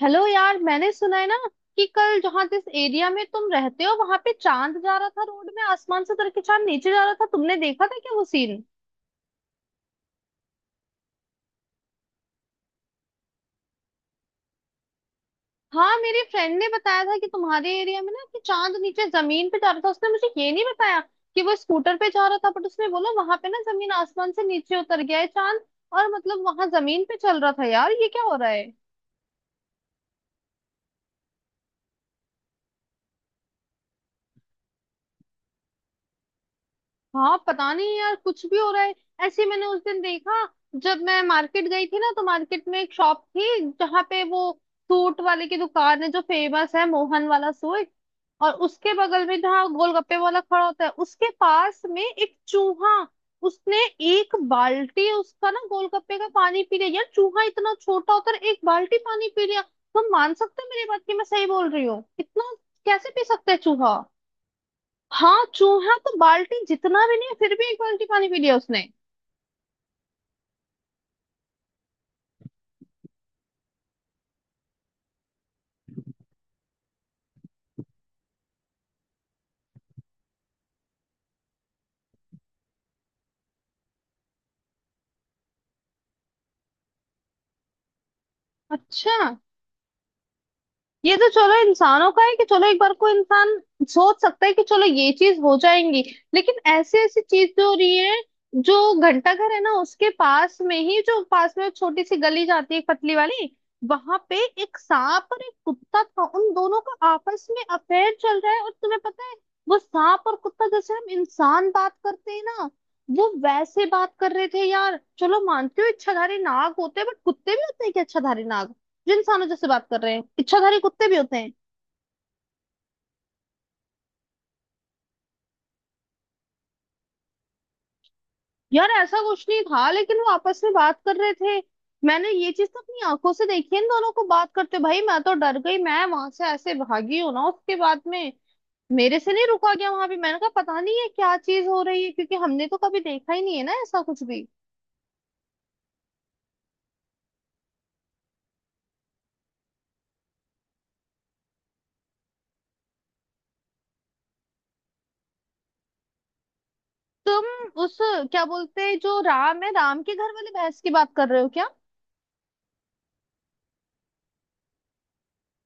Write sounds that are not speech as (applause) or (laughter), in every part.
Hello यार, मैंने सुना है ना कि कल जहाँ जिस एरिया में तुम रहते हो वहां पे चांद जा रहा था। रोड में आसमान से उतर के चांद नीचे जा रहा था, तुमने देखा था क्या वो सीन? हाँ, मेरी फ्रेंड ने बताया था कि तुम्हारे एरिया में ना कि चांद नीचे जमीन पे जा रहा था। उसने मुझे ये नहीं बताया कि वो स्कूटर पे जा रहा था, बट उसने बोला वहां पे ना जमीन आसमान से नीचे उतर गया है चांद और मतलब वहां जमीन पे चल रहा था। यार ये क्या हो रहा है। हाँ पता नहीं यार, कुछ भी हो रहा है। ऐसे ही मैंने उस दिन देखा, जब मैं मार्केट गई थी ना, तो मार्केट में एक शॉप थी जहाँ पे वो सूट वाले की दुकान है जो फेमस है, मोहन वाला सूट। और उसके बगल में जहाँ गोलगप्पे वाला खड़ा होता है, उसके पास में एक चूहा, उसने एक बाल्टी उसका ना गोलगप्पे का पानी पी लिया यार। चूहा इतना छोटा होता है, एक बाल्टी पानी पी लिया। तुम मान सकते हो मेरी बात कि मैं सही बोल रही हूँ, इतना कैसे पी सकता है चूहा? हाँ, चूहा तो बाल्टी जितना भी नहीं, फिर भी एक बाल्टी पानी पी लिया उसने। अच्छा, ये तो चलो इंसानों का है कि चलो एक बार को इंसान सोच सकता है कि चलो ये चीज हो जाएंगी, लेकिन ऐसी ऐसी चीज जो हो रही है, जो घंटा घर है ना उसके पास में ही जो पास में छोटी सी गली जाती है एक पतली वाली, वहां पे एक सांप और एक कुत्ता था। उन दोनों का आपस में अफेयर चल रहा है, और तुम्हें पता है वो सांप और कुत्ता जैसे हम इंसान बात करते हैं ना, वो वैसे बात कर रहे थे यार। चलो मानती हूँ इच्छाधारी नाग होते हैं, बट कुत्ते भी होते हैं कि इच्छाधारी नाग जिन इंसानों जैसे बात कर रहे हैं, इच्छाधारी कुत्ते भी होते हैं। यार ऐसा कुछ नहीं था, लेकिन वो आपस में बात कर रहे थे। मैंने ये चीज तो अपनी आंखों से देखी है, इन दोनों को बात करते, भाई मैं तो डर गई। मैं वहां से ऐसे भागी हूँ ना उसके बाद में, मेरे से नहीं रुका गया वहां भी। मैंने कहा पता नहीं ये क्या चीज हो रही है, क्योंकि हमने तो कभी देखा ही नहीं है ना ऐसा कुछ भी। तुम उस क्या बोलते हैं, जो राम है राम के घर वाली भैंस की बात कर रहे हो क्या?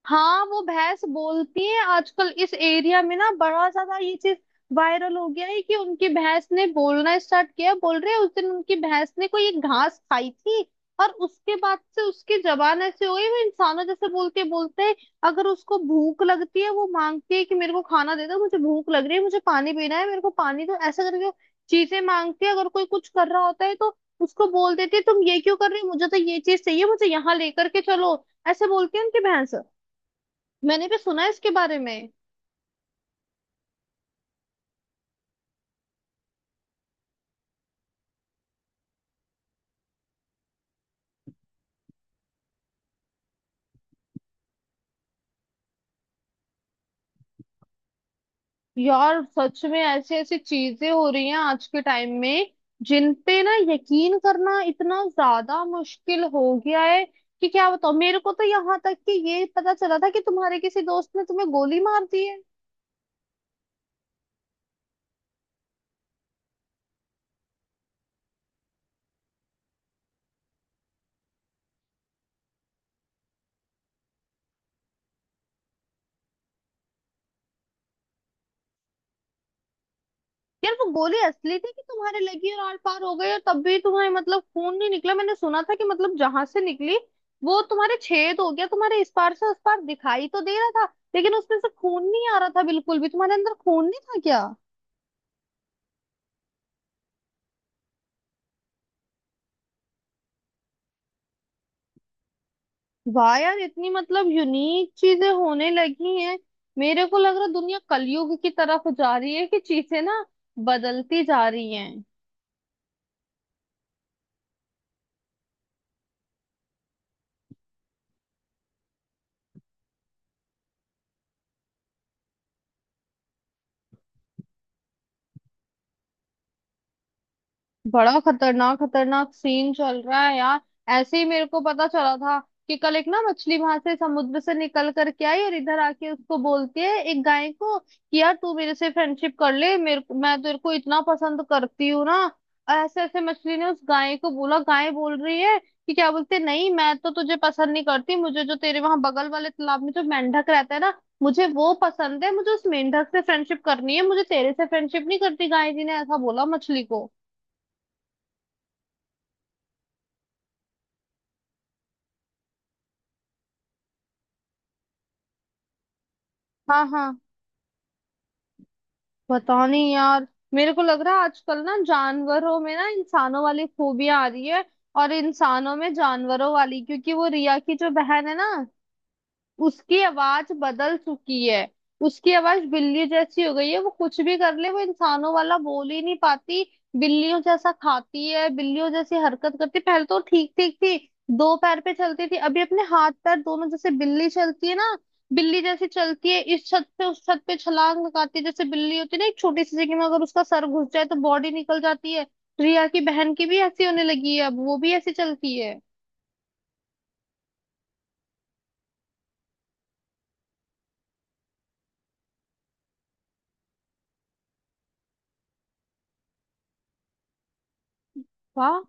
हाँ, वो भैंस बोलती है आजकल, इस एरिया में ना बड़ा ज्यादा ये चीज वायरल हो गया है कि उनकी भैंस ने बोलना स्टार्ट किया। बोल रहे हैं उस दिन उनकी भैंस ने कोई एक घास खाई थी, और उसके बाद से उसकी जबान ऐसे हो गई, वो इंसानों जैसे बोलते बोलते है। अगर उसको भूख लगती है वो मांगती है कि मेरे को खाना दे दो, मुझे भूख लग रही है, मुझे पानी पीना है, मेरे को पानी दो, ऐसा करके वो चीजें मांगती है। अगर कोई कुछ कर रहा होता है तो उसको बोल देती है तुम ये क्यों कर रही हो, मुझे तो ये चीज चाहिए, मुझे यहाँ लेकर के चलो, ऐसे बोलती है उनकी भैंस। मैंने भी सुना है इसके बारे में। यार सच में ऐसी ऐसी चीजें हो रही हैं आज के टाइम में, जिन पे ना यकीन करना इतना ज्यादा मुश्किल हो गया है कि क्या बताओ। मेरे को तो यहाँ तक कि ये पता चला था कि तुम्हारे किसी दोस्त ने तुम्हें गोली मार दी है। यार वो गोली असली थी कि तुम्हारे लगी और आर पार हो गई, और तब भी तुम्हें मतलब खून नहीं निकला। मैंने सुना था कि मतलब जहां से निकली वो तुम्हारे छेद हो गया, तुम्हारे इस पार से उस पार दिखाई तो दे रहा था, लेकिन उसमें से खून नहीं आ रहा था बिल्कुल भी। तुम्हारे अंदर खून नहीं था क्या? वाह यार, इतनी मतलब यूनिक चीजें होने लगी हैं। मेरे को लग रहा है दुनिया कलयुग की तरफ जा रही है कि चीजें ना बदलती जा रही हैं। बड़ा खतरनाक खतरनाक सीन चल रहा है यार। ऐसे ही मेरे को पता चला था कि कल एक ना मछली वहां से समुद्र से निकल करके आई, और इधर आके उसको बोलती है एक गाय को कि यार तू मेरे से फ्रेंडशिप कर ले, मेरे मैं तेरे को इतना पसंद करती हूँ ना। और ऐसे ऐसे मछली ने उस गाय को बोला। गाय बोल रही है कि क्या बोलते हैं, नहीं मैं तो तुझे पसंद नहीं करती, मुझे जो तेरे वहां बगल वाले तालाब में जो मेंढक रहता है ना, मुझे वो पसंद है, मुझे उस मेंढक से फ्रेंडशिप करनी है, मुझे तेरे से फ्रेंडशिप नहीं करती, गाय जी ने ऐसा बोला मछली को। हाँ हाँ। बताओ नहीं यार, मेरे को लग रहा है आजकल ना जानवरों में ना इंसानों वाली खूबियां आ रही है और इंसानों में जानवरों वाली, क्योंकि वो रिया की जो बहन है ना, उसकी आवाज बदल चुकी है। उसकी आवाज बिल्ली जैसी हो गई है, वो कुछ भी कर ले वो इंसानों वाला बोल ही नहीं पाती। बिल्लियों जैसा खाती है, बिल्लियों जैसी हरकत करती, पहले तो ठीक ठीक थी, दो पैर पे चलती थी, अभी अपने हाथ पैर दोनों, जैसे बिल्ली चलती है ना, बिल्ली जैसी चलती है। इस छत पे उस छत पे छलांग लगाती है, जैसे बिल्ली होती है ना, एक छोटी सी जगह में अगर उसका सर घुस जाए तो बॉडी निकल जाती है, रिया की बहन की भी ऐसी होने लगी है, अब वो भी ऐसी चलती है। वाह,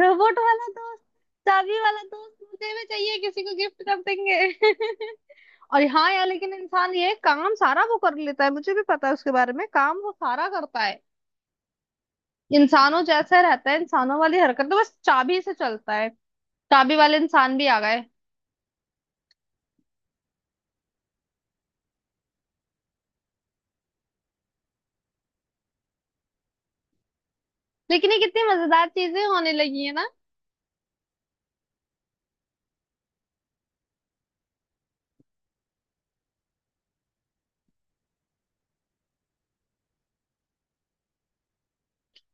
रोबोट वाला दोस्त, चाबी वाला दोस्त मुझे भी चाहिए, किसी को गिफ्ट कर देंगे। (laughs) और हाँ यार, लेकिन इंसान ये काम सारा वो कर लेता है, मुझे भी पता है उसके बारे में, काम वो सारा करता है, इंसानों जैसा रहता है, इंसानों वाली हरकत, तो बस चाबी से चलता है। चाबी वाले इंसान भी आ गए। लेकिन ये कितनी मजेदार चीजें होने लगी है ना।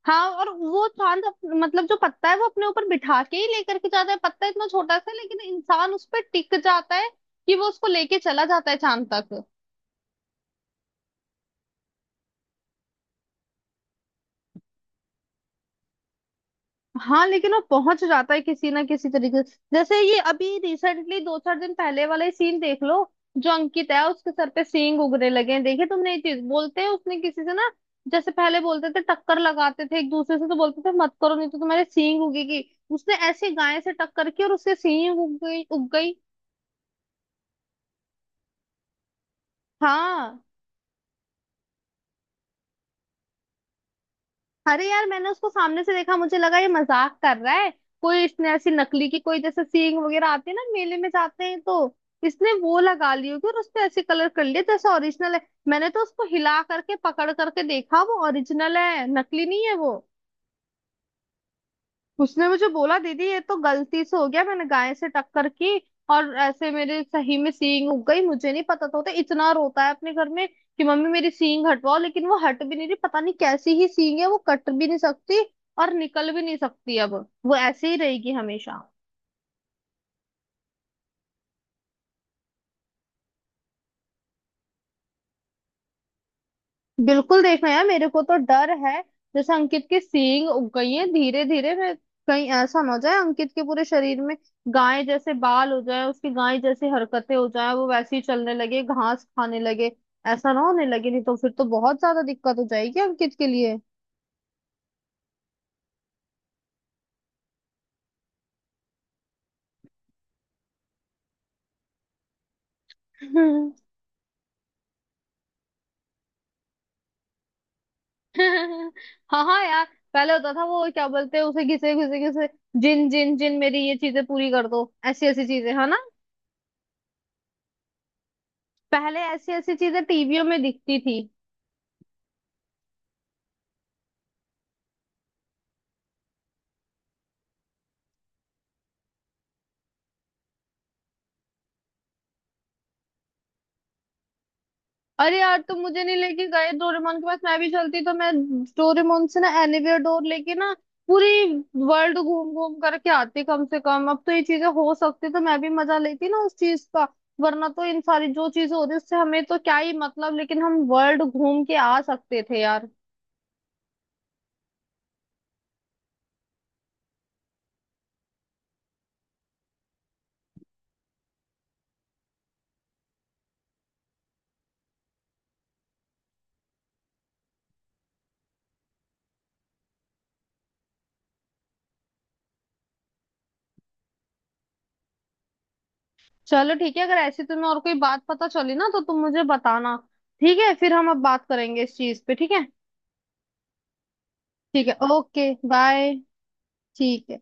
हाँ, और वो चांद मतलब, जो पत्ता है वो अपने ऊपर बिठा के ही लेकर के जाता है। पत्ता इतना छोटा सा है, लेकिन इंसान उस पर टिक जाता है कि वो उसको लेके चला जाता है चांद तक। हाँ, लेकिन वो पहुंच जाता है किसी ना किसी तरीके से। जैसे ये अभी रिसेंटली दो चार दिन पहले वाला ही सीन देख लो, जो अंकित है उसके सर पे सींग उगने लगे हैं, देखे तुमने ये चीज? बोलते हैं उसने किसी से ना, जैसे पहले बोलते थे टक्कर लगाते थे एक दूसरे से, तो बोलते थे मत करो नहीं तो तुम्हारे सींग उगेगी, उसने ऐसे गाय से टक्कर की और उसके सींग उग गई उग गई। हाँ, अरे यार मैंने उसको सामने से देखा, मुझे लगा ये मजाक कर रहा है, कोई इसने ऐसी नकली की, कोई जैसे सींग वगैरह आते हैं ना मेले में जाते हैं तो, इसने वो लगा ली होगी और उसने ऐसे कलर कर लिया जैसे ओरिजिनल है। मैंने तो उसको हिला करके पकड़ करके देखा, वो ओरिजिनल है, नकली नहीं है वो। उसने मुझे बोला दीदी ये तो गलती से हो गया, मैंने गाय से टक्कर की और ऐसे मेरे सही में सींग उग गई, मुझे नहीं पता था होता। इतना रोता है अपने घर में कि मम्मी मेरी सींग हटवाओ, लेकिन वो हट भी नहीं रही, पता नहीं कैसी ही सींग है, वो कट भी नहीं सकती और निकल भी नहीं सकती अब। वो ऐसे ही रहेगी हमेशा। बिल्कुल देखना यार, मेरे को तो डर है जैसे अंकित की सींग उग गई है धीरे धीरे, मैं कहीं ऐसा ना हो जाए अंकित के पूरे शरीर में गाय जैसे बाल हो जाए, उसकी गाय जैसी हरकतें हो जाए, वो वैसे ही चलने लगे, घास खाने लगे। ऐसा ना होने लगे, नहीं तो फिर तो बहुत ज्यादा दिक्कत हो जाएगी अंकित के लिए। (laughs) हाँ हाँ यार। पहले होता था वो क्या बोलते हैं, उसे घिसे घिसे घिसे, जिन जिन जिन मेरी ये चीजें पूरी कर दो, ऐसी ऐसी चीजें है ना। पहले ऐसी ऐसी चीजें टीवियों में दिखती थी। अरे यार, तुम मुझे नहीं लेके गए डोरेमोन के पास, मैं भी चलती, तो मैं डोरेमोन से ना एनीवेयर डोर लेके ना पूरी वर्ल्ड घूम घूम करके आती। कम से कम अब तो ये चीजें हो सकती, तो मैं भी मजा लेती ना उस चीज का। वरना तो इन सारी जो चीजें हो रही है, उससे हमें तो क्या ही मतलब, लेकिन हम वर्ल्ड घूम के आ सकते थे यार। चलो ठीक है, अगर ऐसी तुम्हें और कोई बात पता चली ना तो तुम मुझे बताना, ठीक है? फिर हम अब बात करेंगे इस चीज पे, ठीक है। ठीक है, ओके, बाय। ठीक है।